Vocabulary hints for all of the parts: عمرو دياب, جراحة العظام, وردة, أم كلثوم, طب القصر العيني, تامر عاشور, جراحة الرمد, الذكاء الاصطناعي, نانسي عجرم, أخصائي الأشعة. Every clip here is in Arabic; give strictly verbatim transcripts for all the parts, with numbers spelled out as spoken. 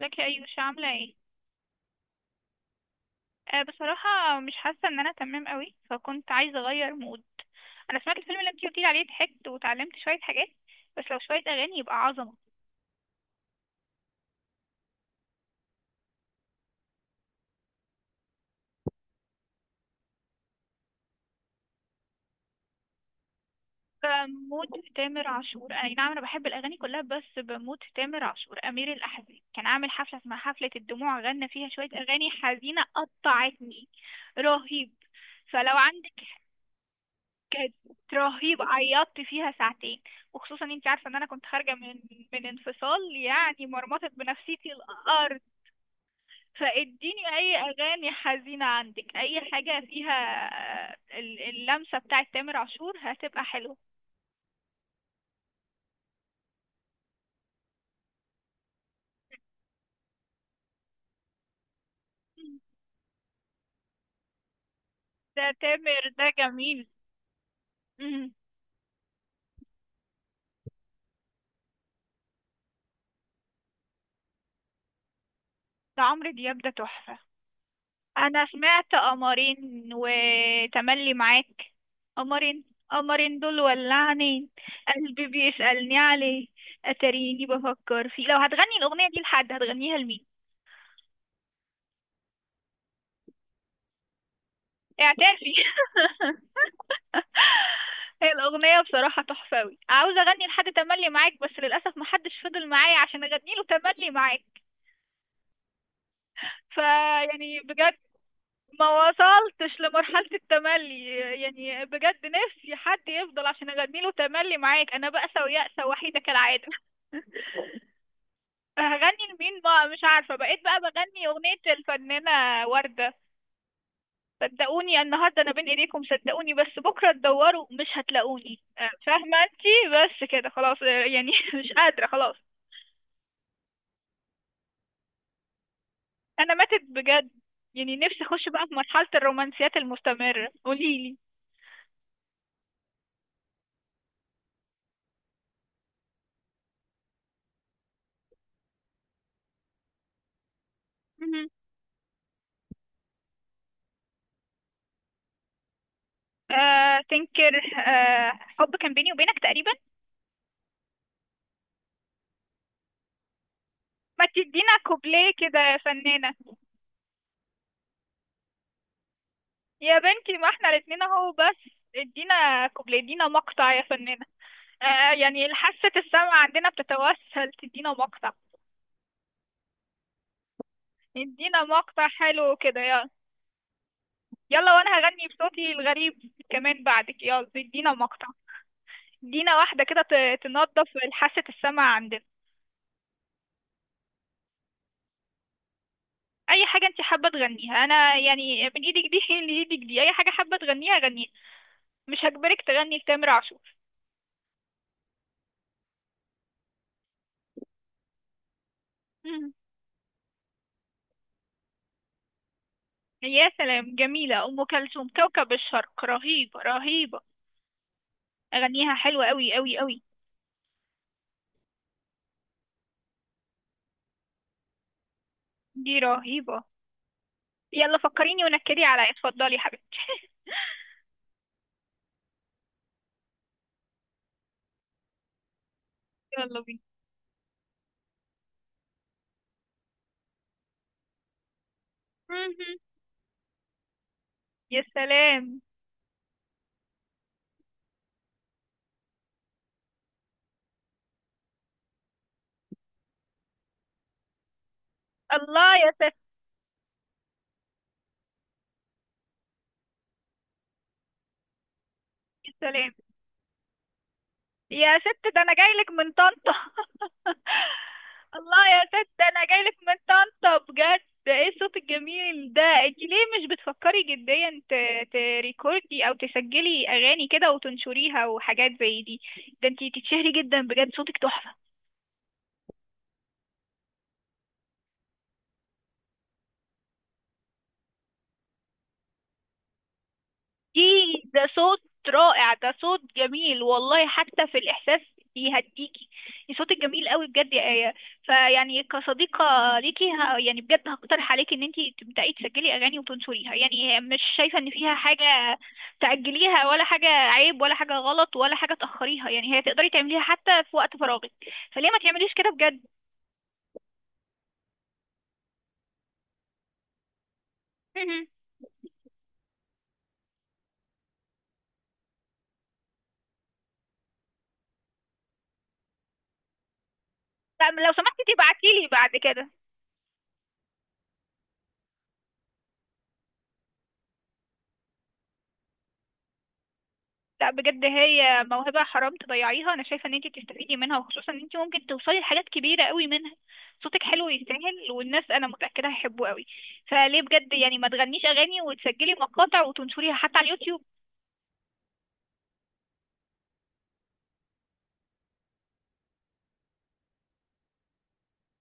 ازيك يا ايوش؟ عامله ايه؟ آه، بصراحه مش حاسه ان انا تمام قوي، فكنت عايزه اغير مود. انا سمعت الفيلم اللي انتي قلتيلي عليه، ضحكت وتعلمت شويه حاجات. بس لو شويه اغاني يبقى عظمه. فمود تامر عاشور، اي نعم، انا بحب الاغاني كلها بس بموت في تامر عاشور. امير الاحزان كان عامل حفله اسمها حفله الدموع، غنى فيها شويه اغاني حزينه قطعتني. رهيب. فلو عندك. كانت رهيبة، عيطت فيها ساعتين، وخصوصا انت عارفة ان انا كنت خارجة من من انفصال، يعني مرمطت بنفسيتي الارض. فاديني اي اغاني حزينة عندك، اي حاجة فيها ال- اللمسة بتاعت تامر عاشور، هتبقى حلوة. ده تامر ده جميل. مم. ده عمرو دياب ده تحفة. انا سمعت قمرين وتملي معاك. قمرين. قمرين دول ولعني، قلبي بيسألني عليه، اتاريني بفكر فيه. لو هتغني الاغنية دي لحد، هتغنيها لمين؟ اعترفي. هي الاغنية بصراحة تحفة اوي. عاوزة اغني لحد تملي معاك، بس للاسف محدش فضل معايا عشان اغني له تملي معاك. فيعني بجد، ما وصلتش لمرحلة التملي. يعني بجد، نفسي حد يفضل عشان اغني له تملي معاك. انا بأسة ويأسة وحيدة كالعادة. هغني لمين بقى؟ مش عارفة. بقيت بقى بغني أغنية الفنانة وردة. صدقوني النهاردة أنا بين إيديكم، صدقوني بس بكرة تدوروا مش هتلاقوني، آه، فاهمة أنتي. بس كده خلاص، آه، يعني مش قادرة خلاص. أنا ماتت بجد. يعني نفسي أخش بقى في مرحلة الرومانسيات المستمرة، قوليلي. آه تنكر؟ آه، حب كان بيني وبينك تقريبا. ما تدينا كوبليه كده يا فنانة. يا بنتي ما احنا الاتنين اهو، بس ادينا كوبليه، ادينا مقطع يا فنانة. آه، يعني حاسة السمع عندنا بتتوسل تدينا مقطع. ادينا مقطع حلو كده، يلا. يلا وانا هغني بصوتي الغريب كمان بعدك. يلا ادينا مقطع، ادينا واحدة كده ت- تنظف حاسة السمع عندنا. اي حاجة انت حابة تغنيها، انا يعني من ايدك دي لايدك دي، اي حاجة حابة تغنيها غنيها. مش هجبرك تغني لتامر عاشور. مم. يا سلام، جميلة أم كلثوم. كوكب الشرق، رهيبة رهيبة. أغنيها حلوة أوي أوي أوي. دي رهيبة. يلا فكريني ونكدي عليا، اتفضلي يا حبيبتي. يلا بينا. مهم. يا سلام. الله يا سلام. يا سلام. يا ست ده انا جايلك من طنطا. الله، يا ست ده انا جايلك من طنطا بجد. ده ايه الصوت الجميل ده؟ انت ليه مش بتفكري جديا ت- تريكوردي او تسجلي اغاني كده وتنشريها وحاجات زي دي؟ ده انت تتشهري جدا، بجد صوتك تحفة. دي ده صوت رائع، ده صوت جميل والله، حتى في الإحساس بيهديكي. صوتك جميل قوي بجد يا آية. فيعني كصديقة ليكي، ه- يعني بجد هقترح عليكي ان انتي تبدأي تسجلي أغاني وتنشريها. يعني مش شايفة ان فيها حاجة تأجليها، ولا حاجة عيب، ولا حاجة غلط، ولا حاجة تأخريها. يعني هي تقدري تعمليها حتى في وقت فراغك، فليه ما تعمليش كده بجد؟ مهم. لا، لو سمحتي تبعتيلي بعد كده. لا بجد، هي موهبة حرام تضيعيها. انا شايفة ان انت تستفيدي منها، وخصوصا ان انت ممكن توصلي لحاجات كبيرة قوي منها. صوتك حلو يستاهل، والناس انا متأكدة هيحبوه قوي. فليه بجد يعني ما تغنيش اغاني وتسجلي مقاطع وتنشريها حتى على اليوتيوب؟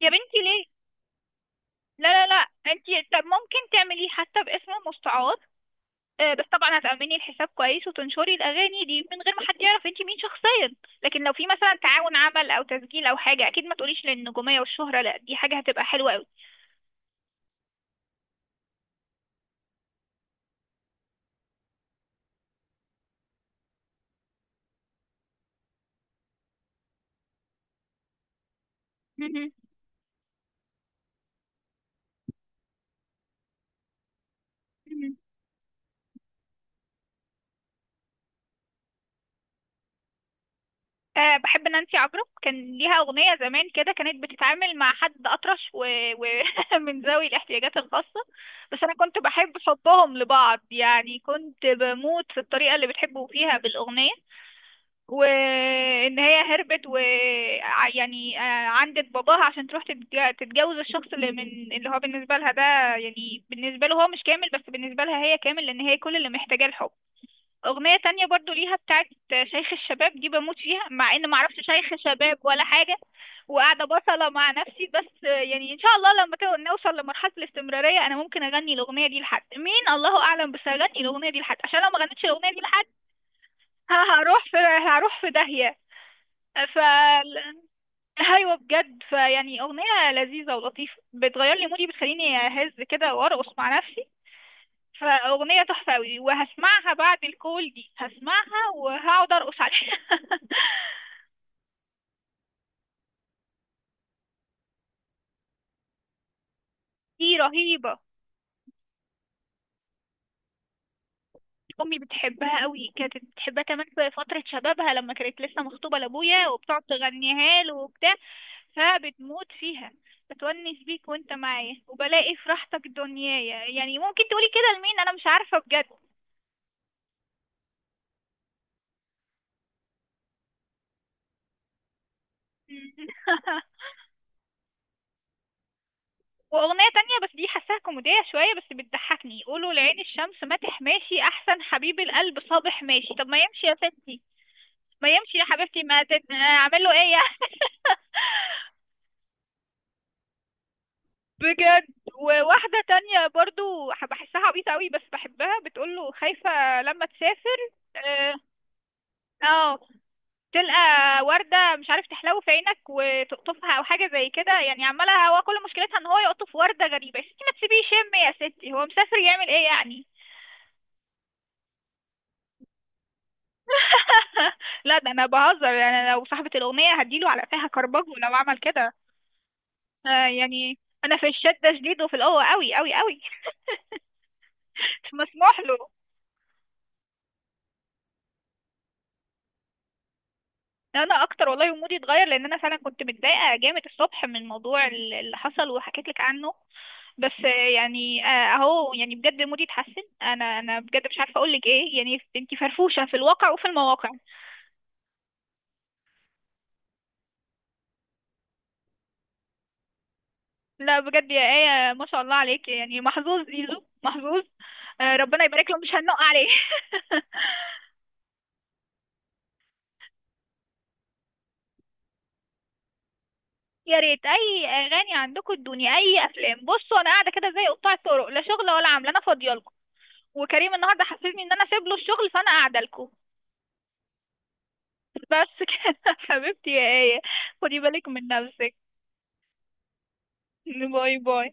يا بنتي ليه؟ لا لا لا، انت. طب ممكن تعمليه حتى باسم مستعار، آه، بس طبعا هتأمني الحساب كويس وتنشري الأغاني دي من غير ما حد يعرف انت مين شخصيا. لكن لو في مثلا تعاون عمل أو تسجيل أو حاجة، أكيد ما تقوليش للنجومية والشهرة، لا دي حاجة هتبقى حلوة قوي. أه، بحب نانسي عجرم. كان ليها أغنية زمان كده، كانت بتتعامل مع حد أطرش، ومن و... و- من ذوي الاحتياجات الخاصة. بس أنا كنت بحب حبهم لبعض، يعني كنت بموت في الطريقة اللي بتحبوا فيها بالأغنية. وإن هي هربت و ع- يعني آه، عندت باباها عشان تروح تتج- تتجوز الشخص اللي من، اللي هو بالنسبة لها ده، يعني بالنسبة له هو مش كامل، بس بالنسبة لها هي كامل، لأن هي كل اللي محتاجاه الحب. أغنية تانية برضو ليها بتاعت شيخ الشباب، دي بموت فيها مع إن معرفش شيخ شباب ولا حاجة. وقاعدة بصلة مع نفسي، بس يعني إن شاء الله لما كده نوصل لمرحلة الاستمرارية، أنا ممكن أغني الأغنية دي لحد. مين؟ الله أعلم، بس هغني الأغنية دي لحد، عشان لو ما غنيتش الأغنية دي لحد ه- هروح في هروح في داهية. ف ايوه بجد، فيعني اغنيه لذيذه ولطيفه، بتغير لي مودي، بتخليني اهز كده وارقص مع نفسي. فأغنية تحفة أوي، وهسمعها بعد الكول دي، هسمعها وهقعد أرقص عليها. دي رهيبة. أمي بتحبها أوي، كانت بتحبها كمان في فترة شبابها لما كانت لسه مخطوبة لأبويا وبتقعد تغنيها له وبتاع. فبتموت فيها. بتونس بيك وانت معايا وبلاقي في راحتك دنيايا، يعني ممكن تقولي كده لمين؟ أنا مش عارفة بجد. واغنية تانية بس دي حاساها كوميدية شوية، بس بتضحكني، قولوا لعين الشمس ماتح ماشي احسن حبيب القلب صابح ماشي. طب ما يمشي يا ستي، ما يمشي يا حبيبتي، ما تت... اعمل له ايه يعني؟ بجد. وواحدة تانية برضو ح- بحسها عبيطة قوي بس بحبها، بتقول له خايفة لما تسافر، اه، آه، تلقى وردة مش عارف تحلو في عينك وتقطفها او حاجة زي كده. يعني عمالة، هو كل مشكلتها ان هو يقطف وردة غريبة. يا ستي ما تسيبيه يشم، يا ستي هو مسافر يعمل ايه يعني؟ لا ده انا بهزر، يعني أنا لو صاحبة الأغنية هديله على قفاها كربجه لو عمل كده. آه يعني انا في الشدة شديد، وفي القوة قوي قوي قوي. مش مسموح له. انا اكتر والله، مودي اتغير لان انا فعلا كنت متضايقة جامد الصبح من الموضوع ال- اللي حصل وحكيت لك عنه. بس آه، يعني آه، اهو يعني بجد مودي اتحسن. انا انا بجد مش عارفة اقول لك ايه، يعني انتي فرفوشة في الواقع وفي المواقع. لا بجد يا آية، ما شاء الله عليك، يعني محظوظ زيزو، محظوظ. آه، ربنا يبارك له، مش هننق عليه. يا ريت اي اغاني عندكم ادوني، اي افلام بصوا. انا قاعده كده زي قطاع الطرق، لا شغل ولا عمل، انا فاضيه لكم. وكريم النهارده حسسني ان انا سايب له الشغل، فانا قاعده لكم. بس كده. حبيبتي يا آية، خدي بالك من نفسك. باي باي باي.